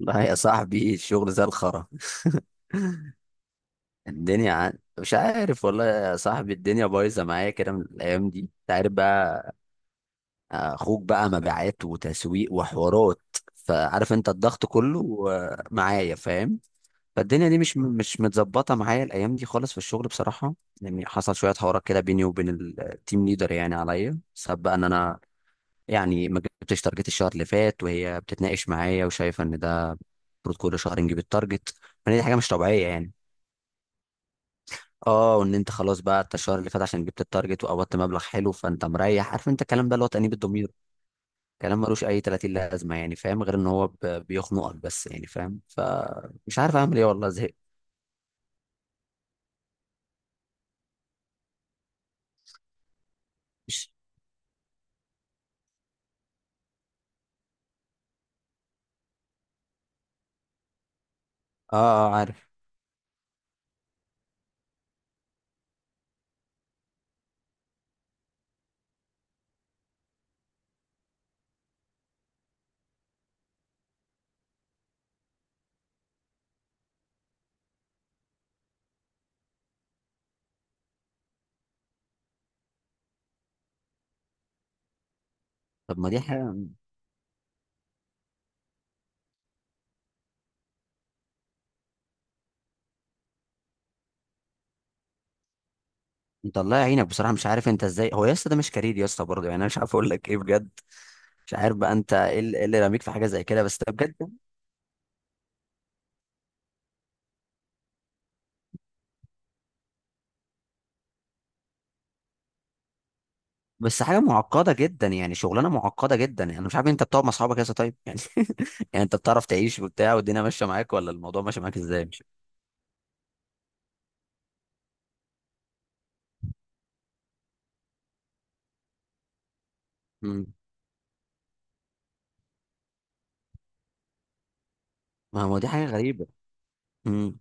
لا، يا صاحبي الشغل زي الخرا. مش عارف والله يا صاحبي، الدنيا بايظه معايا كده من الايام دي، انت عارف بقى. اخوك بقى مبيعات وتسويق وحوارات، فعارف انت الضغط كله، معايا؟ فاهم. فالدنيا دي مش متظبطه معايا الايام دي خالص في الشغل بصراحه. يعني حصل شويه حوارات كده بيني وبين التيم ليدر، يعني عليا سبب بقى ان انا يعني ما جبتش تارجت الشهر اللي فات، وهي بتتناقش معايا وشايفه ان ده المفروض كل شهر نجيب التارجت، فدي حاجه مش طبيعيه يعني. اه، وان انت خلاص بقى، انت الشهر اللي فات عشان جبت التارجت وقبضت مبلغ حلو فانت مريح، عارف انت الكلام ده اللي هو تأنيب الضمير. كلام ملوش اي 30 لازمه يعني، فاهم؟ غير ان هو بيخنقك بس، يعني فاهم، فمش عارف اعمل ايه والله، زهقت. مش- اه، اه عارف. طب ما دي حاجه. انت الله يعينك بصراحه، مش عارف انت ازاي هو يا اسطى، ده مش كارير يا اسطى برضه، يعني انا مش عارف اقول لك ايه بجد. مش عارف بقى انت ايه اللي إيه اللي راميك في حاجه زي كده، بس ده بجد. بس حاجه معقده جدا يعني، شغلانه معقده جدا يعني، انا مش عارف انت بتقعد مع اصحابك كده طيب يعني؟ يعني انت بتعرف تعيش وبتاع، والدنيا ماشيه معاك ولا الموضوع ماشي معاك ازاي؟ امم. ما هو دي حاجه غريبه. امم.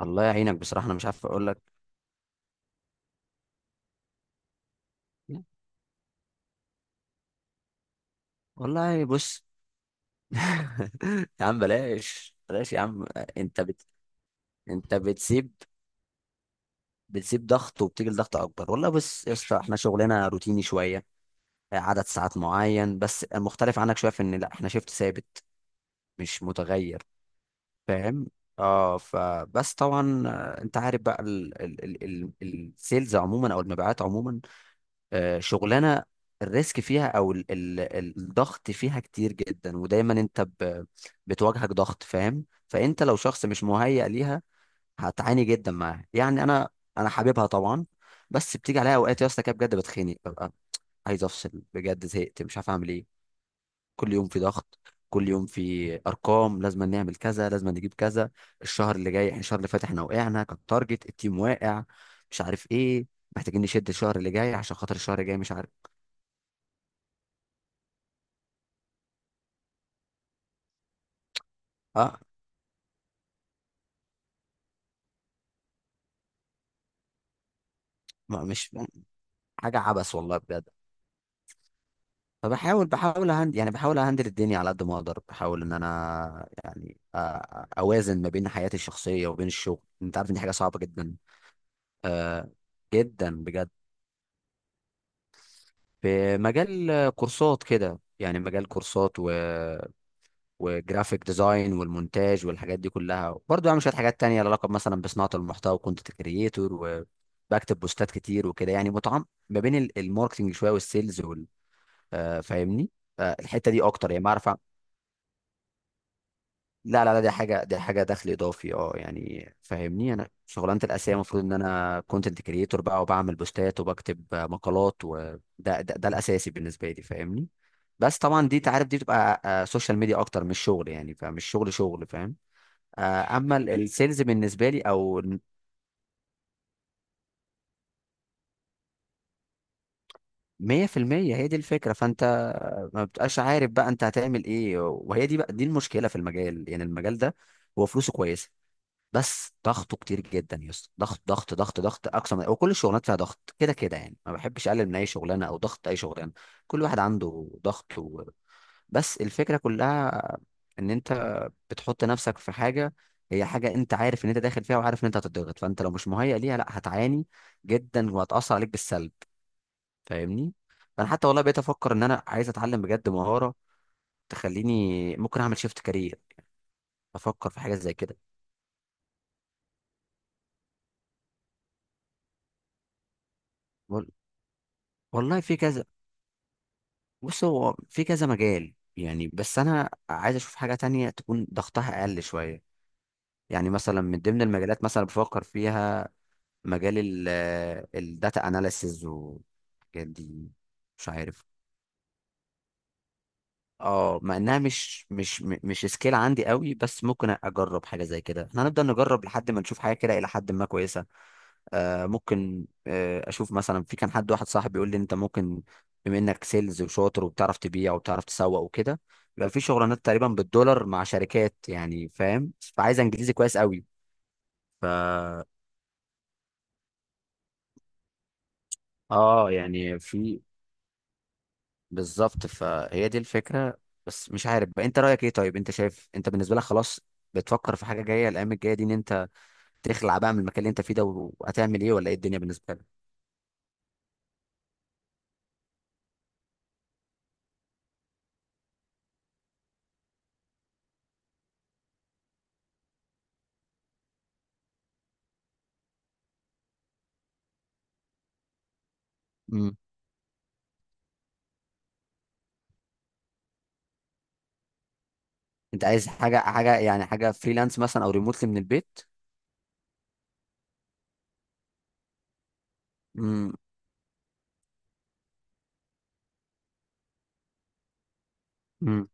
الله يعينك بصراحه، انا مش عارف اقول لك. والله بص. يا عم بلاش، بلاش يا عم. انت بت... انت بتسيب ضغط وبتيجي لضغط اكبر. والله بص يا اسطى، احنا شغلنا روتيني شويه، عدد ساعات معين، بس المختلف عنك شويه في ان لا، احنا شيفت ثابت مش متغير، فاهم؟ اه، فبس طبعا، انت عارف بقى السيلز عموما او المبيعات عموما، شغلانه الريسك فيها او الضغط فيها كتير جدا، ودايما انت بتواجهك ضغط، فاهم؟ فانت لو شخص مش مهيأ ليها هتعاني جدا معاها يعني. انا حاببها طبعا، بس بتيجي عليها اوقات يا اسطى كده بجد بتخنق، ببقى عايز افصل بجد، زهقت مش عارف اعمل ايه. كل يوم في ضغط، كل يوم في ارقام، لازم نعمل كذا، لازم نجيب كذا. الشهر اللي فات احنا وقعنا، كان تارجت التيم واقع، مش عارف ايه، محتاجين نشد الشهر اللي جاي عشان خاطر الشهر الجاي، مش عارف. اه. ما مش حاجه عبث والله بجد. فبحاول بحاول هند يعني بحاول اهندل الدنيا على قد ما اقدر، بحاول ان انا يعني اوازن ما بين حياتي الشخصيه وبين الشغل، انت عارف ان دي حاجه صعبه جدا. آه، جدا بجد. في مجال كورسات كده يعني، مجال كورسات و وجرافيك ديزاين والمونتاج والحاجات دي كلها، برضه بعمل شويه حاجات تانية لها علاقه مثلا بصناعه المحتوى وكونتنت كريتور، وبكتب بوستات كتير وكده، يعني متعم ما بين الماركتنج شويه والسيلز وال آه، فاهمني؟ الحته دي اكتر يعني، بعرف لا لا لا، دي حاجه دخل اضافي، اه يعني فاهمني. انا شغلانتي الاساسيه المفروض ان انا كونتنت كريتور بقى، وبعمل بوستات وبكتب مقالات، وده ده, ده الاساسي بالنسبه لي، فاهمني؟ بس طبعا دي، تعرف، دي بتبقى سوشيال ميديا اكتر، مش شغل يعني، فمش شغل، فاهم؟ اما السيلز بالنسبه لي او 100% هي دي الفكره. فانت ما بتبقاش عارف بقى انت هتعمل ايه، وهي دي بقى دي المشكله في المجال يعني، المجال ده هو فلوسه كويسه، بس ضغطه كتير جدا يا اسطى، ضغط ضغط ضغط ضغط، اقصى من وكل الشغلانات فيها ضغط كده كده يعني، ما بحبش اقلل من اي شغلانه او ضغط اي شغلانه، كل واحد عنده ضغط بس الفكره كلها ان انت بتحط نفسك في حاجه، هي حاجه انت عارف ان انت داخل فيها، وعارف ان انت هتضغط، فانت لو مش مهيئ ليها لا، هتعاني جدا وهتاثر عليك بالسلب، فاهمني؟ فانا حتى والله بقيت افكر ان انا عايز اتعلم بجد مهاره تخليني ممكن اعمل شيفت كارير، افكر في حاجه زي كده. وال- والله في كذا، بص هو في كذا مجال يعني، بس انا عايز اشوف حاجه تانية تكون ضغطها اقل شويه، يعني مثلا من ضمن المجالات مثلا بفكر فيها مجال الداتا اناليسز والحاجات دي، مش عارف. اه، مع انها مش سكيل عندي قوي، بس ممكن اجرب حاجه زي كده، احنا هنفضل نجرب لحد ما نشوف حاجه كده الى حد ما كويسه. آه ممكن، اشوف مثلا. في كان حد واحد صاحبي بيقول لي انت ممكن بما انك سيلز وشاطر وبتعرف تبيع وبتعرف تسوق وكده، يبقى في شغلانات تقريبا بالدولار مع شركات يعني، فاهم؟ فعايز انجليزي كويس قوي. ف اه يعني في بالظبط، فهي دي الفكره. بس مش عارف بقى انت رايك ايه طيب، انت شايف، انت بالنسبه لك خلاص بتفكر في حاجه جايه الايام الجايه دي ان انت تخلع بقى من المكان اللي انت فيه ده، وهتعمل ايه، ولا ايه الدنيا بالنسبه لك؟ امم. انت عايز حاجه يعني، حاجه فريلانس مثلا او ريموتلي من البيت؟ امم. امم.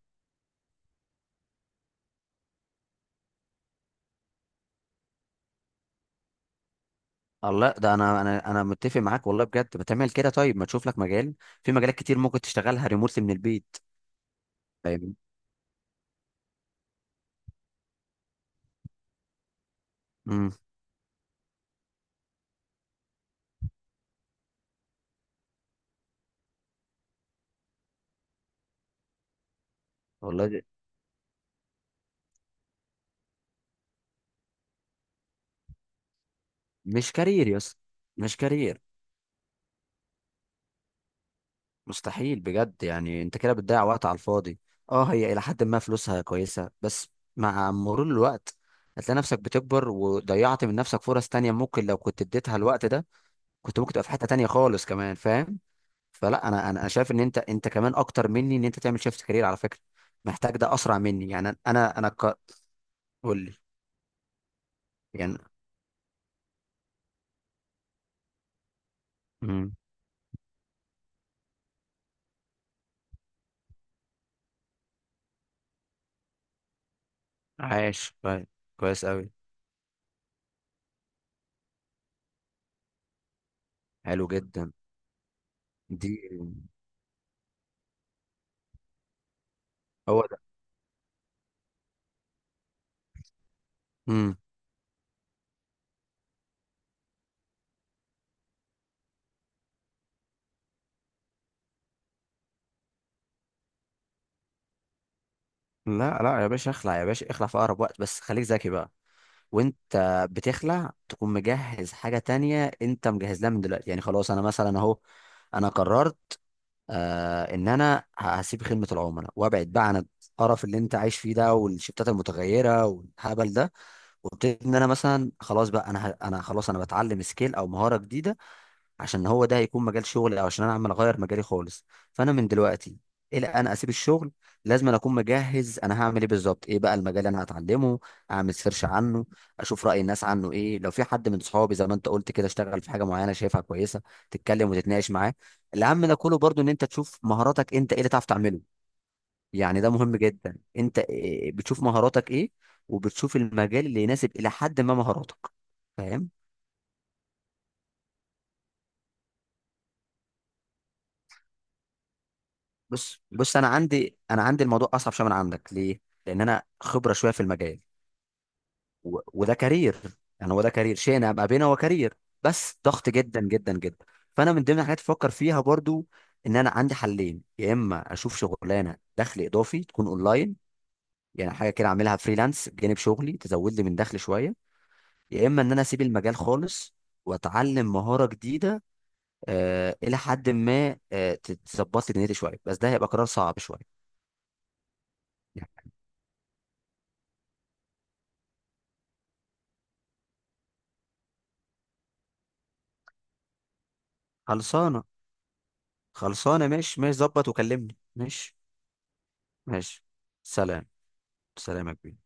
الله، ده انا انا متفق معاك والله بجد، ما تعمل كده طيب، ما تشوف لك مجال. في مجالات كتير ممكن تشتغلها ريموتلي من البيت، فاهم؟ امم. والله ده مش كارير يا اسطى، مش كارير. مستحيل بجد يعني، انت كده بتضيع وقت على الفاضي. اه، هي الى حد ما فلوسها كويسة، بس مع مرور الوقت هتلاقي نفسك بتكبر وضيعت من نفسك فرص تانية، ممكن لو كنت اديتها الوقت ده كنت ممكن تبقى في حتة تانية خالص كمان، فاهم؟ فلا، انا انا أنا شايف ان انت، انت كمان اكتر مني، ان انت تعمل شيفت كارير على فكرة، محتاج ده اسرع مني يعني. قول لي يعني. امم. عايش طيب. كويس قوي. حلو جدا. دي هو ده. امم. لا لا، يا باشا اخلع، يا باشا اخلع في اقرب وقت، بس خليك ذكي بقى. وانت بتخلع تكون مجهز حاجة تانية انت مجهز لها من دلوقتي، يعني خلاص. انا مثلا اهو، انا قررت، ان انا هسيب خدمة العملاء وابعد بقى عن القرف اللي انت عايش فيه ده، والشفتات المتغيرة والهبل ده، وابتدي ان انا مثلا خلاص بقى، انا خلاص، انا بتعلم سكيل او مهارة جديدة عشان هو ده هيكون مجال شغلي، او عشان انا عمال اغير مجالي خالص. فانا من دلوقتي الى انا اسيب الشغل، لازم أنا اكون مجهز انا هعمل ايه بالظبط، ايه بقى المجال اللي انا هتعلمه، اعمل سيرش عنه، اشوف راي الناس عنه ايه، لو في حد من صحابي زي ما انت قلت كده اشتغل في حاجه معينه شايفها كويسه، تتكلم وتتناقش معاه. الاهم ده كله برضو ان انت تشوف مهاراتك انت ايه اللي تعرف تعمله، يعني ده مهم جدا. انت إيه- إيه، بتشوف مهاراتك ايه، وبتشوف المجال اللي يناسب الى حد ما مهاراتك، فاهم؟ بص انا عندي، الموضوع اصعب شويه من عندك، ليه؟ لان انا خبره شويه في المجال، وده كارير، يعني هو ده كارير، شيء انا ابقى بينه هو كارير، بس ضغط جدا جدا جدا. فانا من ضمن الحاجات اللي بفكر فيها برضو ان انا عندي حلين، يا اما اشوف شغلانه دخل اضافي تكون اونلاين، يعني حاجه كده اعملها فريلانس بجانب شغلي تزود لي من دخل شويه، يا اما ان انا اسيب المجال خالص واتعلم مهاره جديده، آه الى حد ما آه تظبط لي دنيتي شويه، بس ده هيبقى قرار صعب شويه يعني. خلصانه، خلصانه، ماشي ماشي، ظبط وكلمني. ماشي ماشي. سلام. سلام يا كبير.